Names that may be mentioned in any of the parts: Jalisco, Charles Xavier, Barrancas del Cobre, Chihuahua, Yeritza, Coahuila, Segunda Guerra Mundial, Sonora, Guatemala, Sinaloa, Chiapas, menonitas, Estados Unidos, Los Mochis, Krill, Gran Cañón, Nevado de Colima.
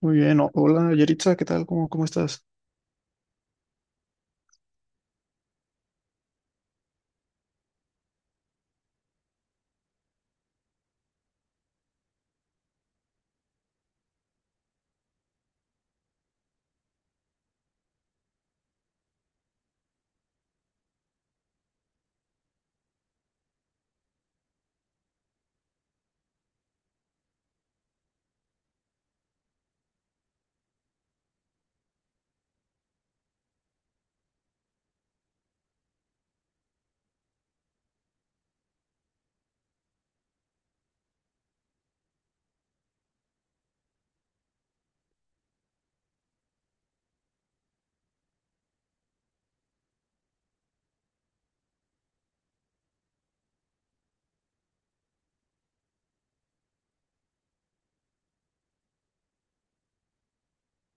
Muy bien, hola Yeritza, ¿qué tal? ¿Cómo estás?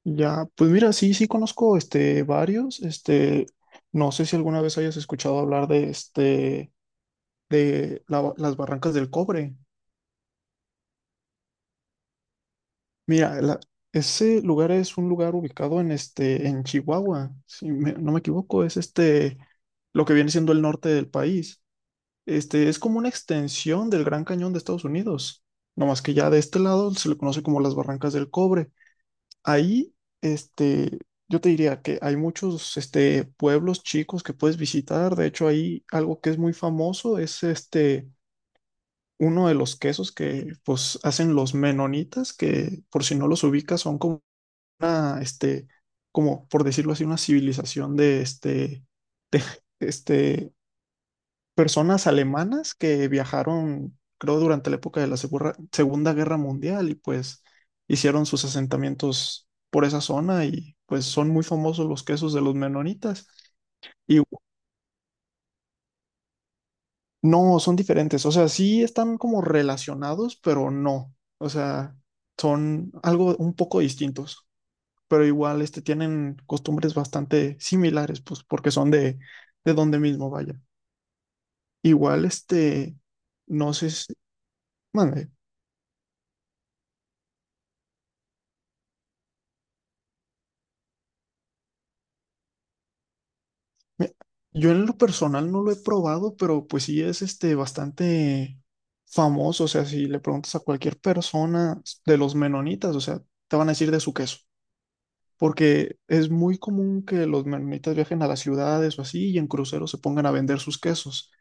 Ya, pues mira, sí, sí conozco varios, no sé si alguna vez hayas escuchado hablar de de la las Barrancas del Cobre. Mira, la- Ese lugar es un lugar ubicado en en Chihuahua, si no me equivoco, es lo que viene siendo el norte del país. Es como una extensión del Gran Cañón de Estados Unidos, no más que ya de este lado se le conoce como las Barrancas del Cobre. Ahí, este, yo te diría que hay muchos pueblos chicos que puedes visitar. De hecho, ahí algo que es muy famoso es uno de los quesos que, pues, hacen los menonitas, que por si no los ubicas, son como una como por decirlo así, una civilización de este, personas alemanas que viajaron, creo, durante la época de la Segunda Guerra Mundial y pues hicieron sus asentamientos por esa zona y pues son muy famosos los quesos de los menonitas. Y no, son diferentes, o sea, sí están como relacionados, pero no, o sea, son algo un poco distintos, pero igual tienen costumbres bastante similares, pues porque son de donde mismo, vaya. Igual no sé si... Mande. Me- Yo en lo personal no lo he probado, pero pues sí es este bastante famoso. O sea, si le preguntas a cualquier persona de los menonitas, o sea, te van a decir de su queso. Porque es muy común que los menonitas viajen a las ciudades o así y en cruceros se pongan a vender sus quesos.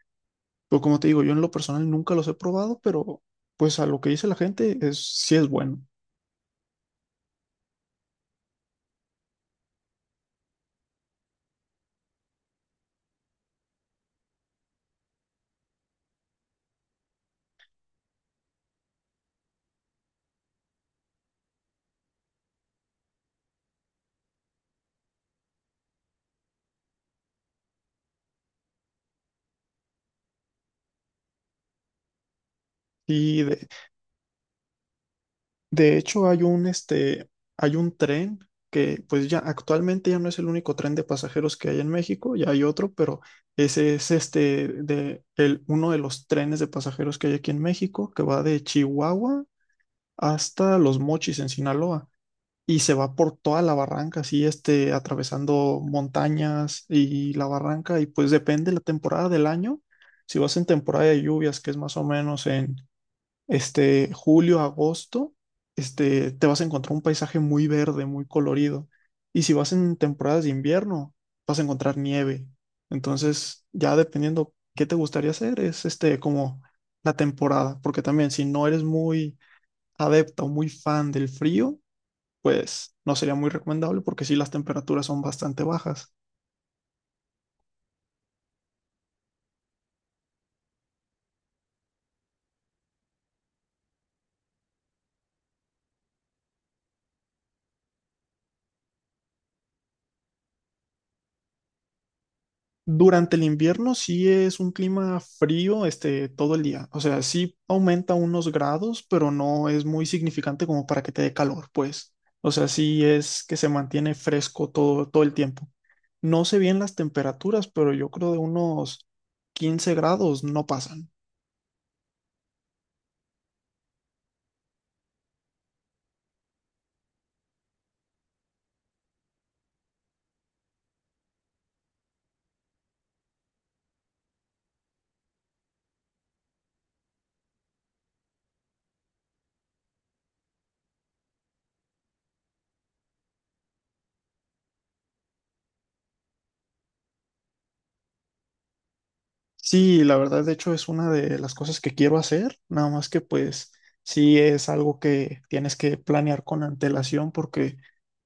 Pero como te digo, yo en lo personal nunca los he probado, pero pues a lo que dice la gente es sí es bueno. Y de De hecho, hay un hay un tren que pues ya actualmente ya no es el único tren de pasajeros que hay en México, ya hay otro, pero ese es uno de los trenes de pasajeros que hay aquí en México, que va de Chihuahua hasta Los Mochis en Sinaloa y se va por toda la barranca, así atravesando montañas y la barranca y pues depende la temporada del año. Si vas en temporada de lluvias, que es más o menos en julio, agosto, te vas a encontrar un paisaje muy verde, muy colorido. Y si vas en temporadas de invierno, vas a encontrar nieve. Entonces, ya dependiendo qué te gustaría hacer, es como la temporada, porque también si no eres muy adepta o muy fan del frío, pues no sería muy recomendable porque sí las temperaturas son bastante bajas. Durante el invierno sí es un clima frío, todo el día. O sea, sí aumenta unos grados, pero no es muy significante como para que te dé calor, pues. O sea, sí es que se mantiene fresco todo el tiempo. No sé bien las temperaturas, pero yo creo de unos 15 grados no pasan. Sí, la verdad, de hecho, es una de las cosas que quiero hacer, nada más que pues sí es algo que tienes que planear con antelación porque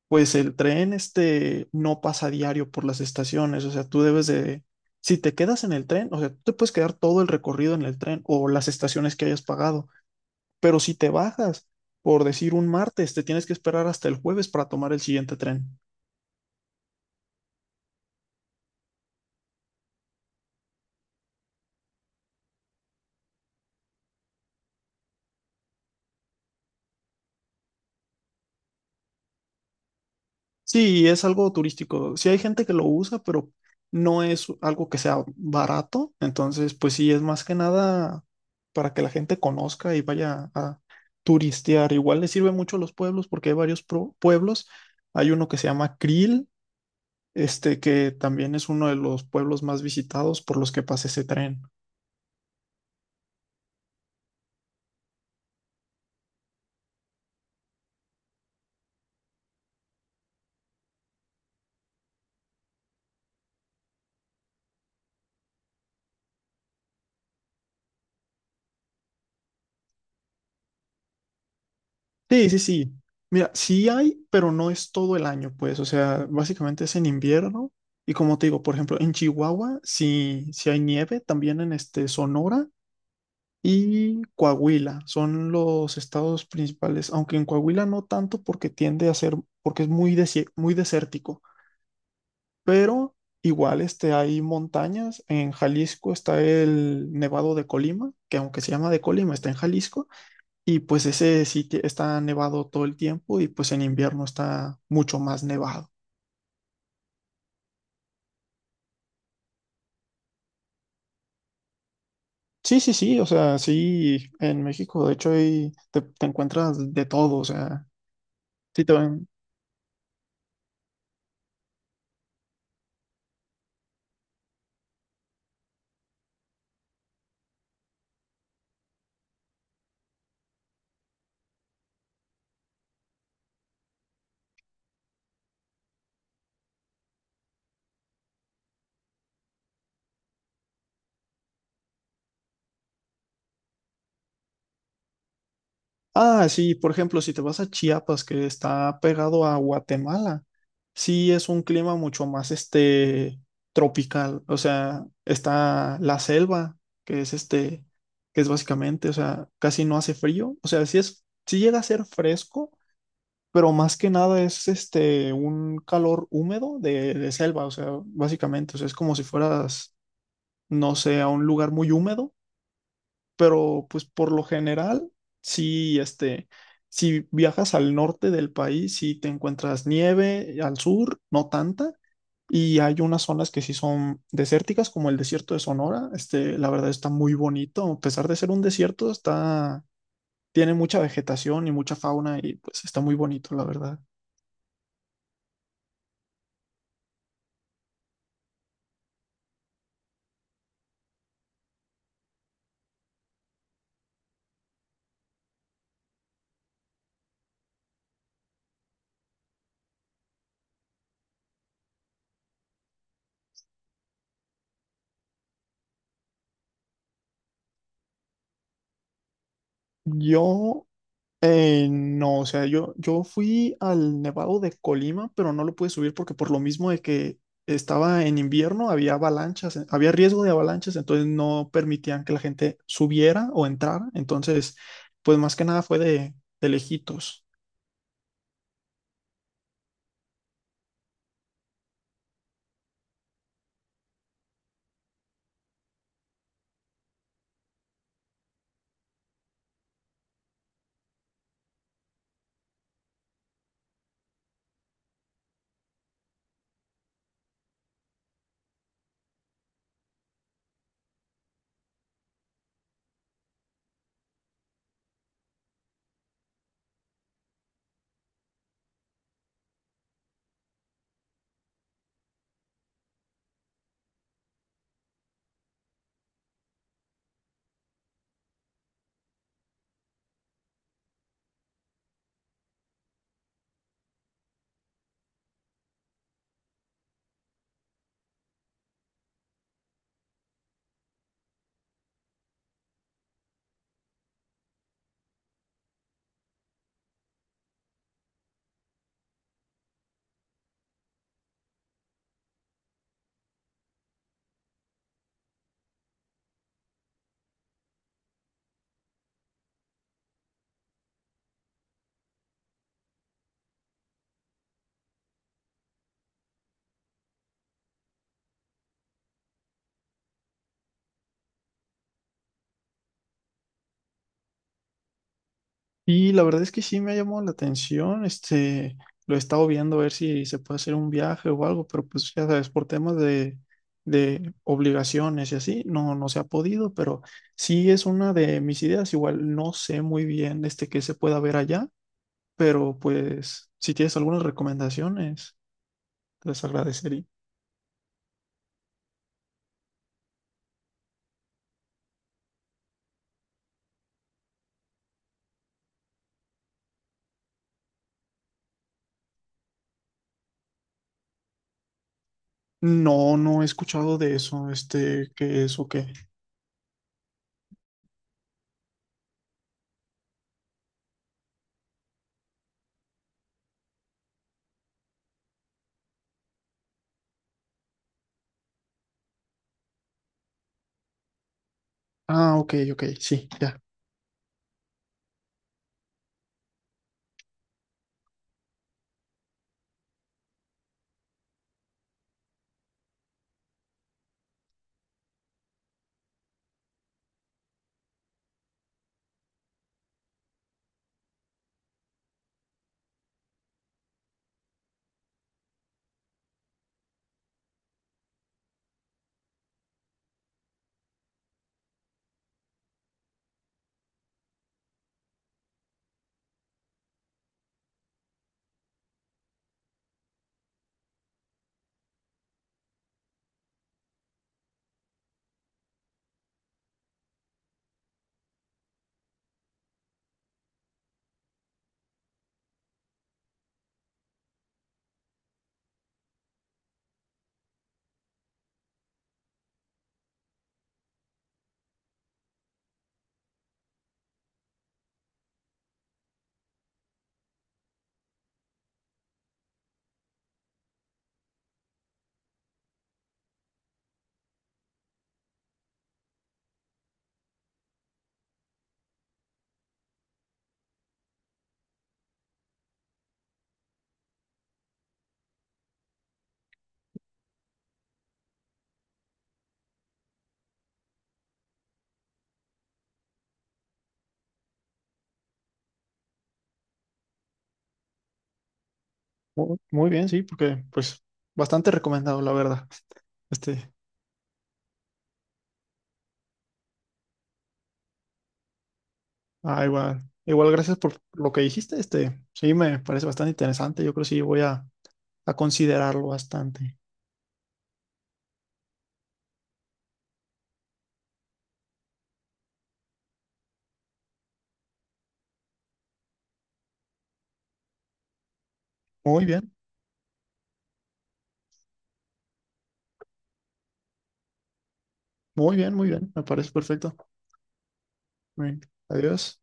pues el tren este no pasa diario por las estaciones, o sea, si te quedas en el tren, o sea, tú te puedes quedar todo el recorrido en el tren o las estaciones que hayas pagado, pero si te bajas, por decir un martes, te tienes que esperar hasta el jueves para tomar el siguiente tren. Sí, es algo turístico. Sí hay gente que lo usa, pero no es algo que sea barato. Entonces, pues sí, es más que nada para que la gente conozca y vaya a turistear. Igual le sirve mucho a los pueblos porque hay varios pueblos. Hay uno que se llama Krill, que también es uno de los pueblos más visitados por los que pasa ese tren. Sí, sí, sí. Mira, sí hay, pero no es todo el año, pues. O sea, básicamente es en invierno. Y como te digo, por ejemplo, en Chihuahua sí, sí hay nieve, también en Sonora y Coahuila son los estados principales, aunque en Coahuila no tanto porque tiende a ser, porque es muy desértico, pero igual hay montañas. En Jalisco está el Nevado de Colima, que aunque se llama de Colima, está en Jalisco. Y pues ese sitio está nevado todo el tiempo y pues en invierno está mucho más nevado. Sí, sí, sí, o sea, sí, en México de hecho te encuentras de todo, o sea, sí te ven. Ah, sí, por ejemplo, si te vas a Chiapas, que está pegado a Guatemala, sí es un clima mucho más tropical, o sea, está la selva, que es este, que es básicamente, o sea, casi no hace frío, o sea, sí es, sí llega a ser fresco pero más que nada es un calor húmedo de selva, o sea, básicamente, o sea, es como si fueras, no sé, a un lugar muy húmedo, pero pues por lo general, sí, si viajas al norte del país, sí te encuentras nieve, al sur, no tanta. Y hay unas zonas que sí son desérticas, como el desierto de Sonora. La verdad está muy bonito. A pesar de ser un desierto, está, tiene mucha vegetación y mucha fauna y pues está muy bonito, la verdad. Yo no, o sea, yo fui al Nevado de Colima, pero no lo pude subir porque por lo mismo de que estaba en invierno, había avalanchas, había riesgo de avalanchas, entonces no permitían que la gente subiera o entrara. Entonces, pues más que nada fue de lejitos. Y la verdad es que sí me ha llamado la atención, lo he estado viendo a ver si se puede hacer un viaje o algo, pero pues ya sabes, por temas de obligaciones y así, no, no se ha podido, pero sí es una de mis ideas, igual no sé muy bien este qué se pueda ver allá, pero pues si tienes algunas recomendaciones, te las agradecería. No, no he escuchado de eso, este, qué es o qué. Ah, ok, ok, sí, ya. Muy bien, sí, porque pues bastante recomendado, la verdad. Este, Ah, igual. Igual, gracias por lo que dijiste. Este, sí, me parece bastante interesante. Yo creo que sí voy a considerarlo bastante. Muy bien, muy bien, muy bien. Me parece perfecto. Muy bien. Adiós.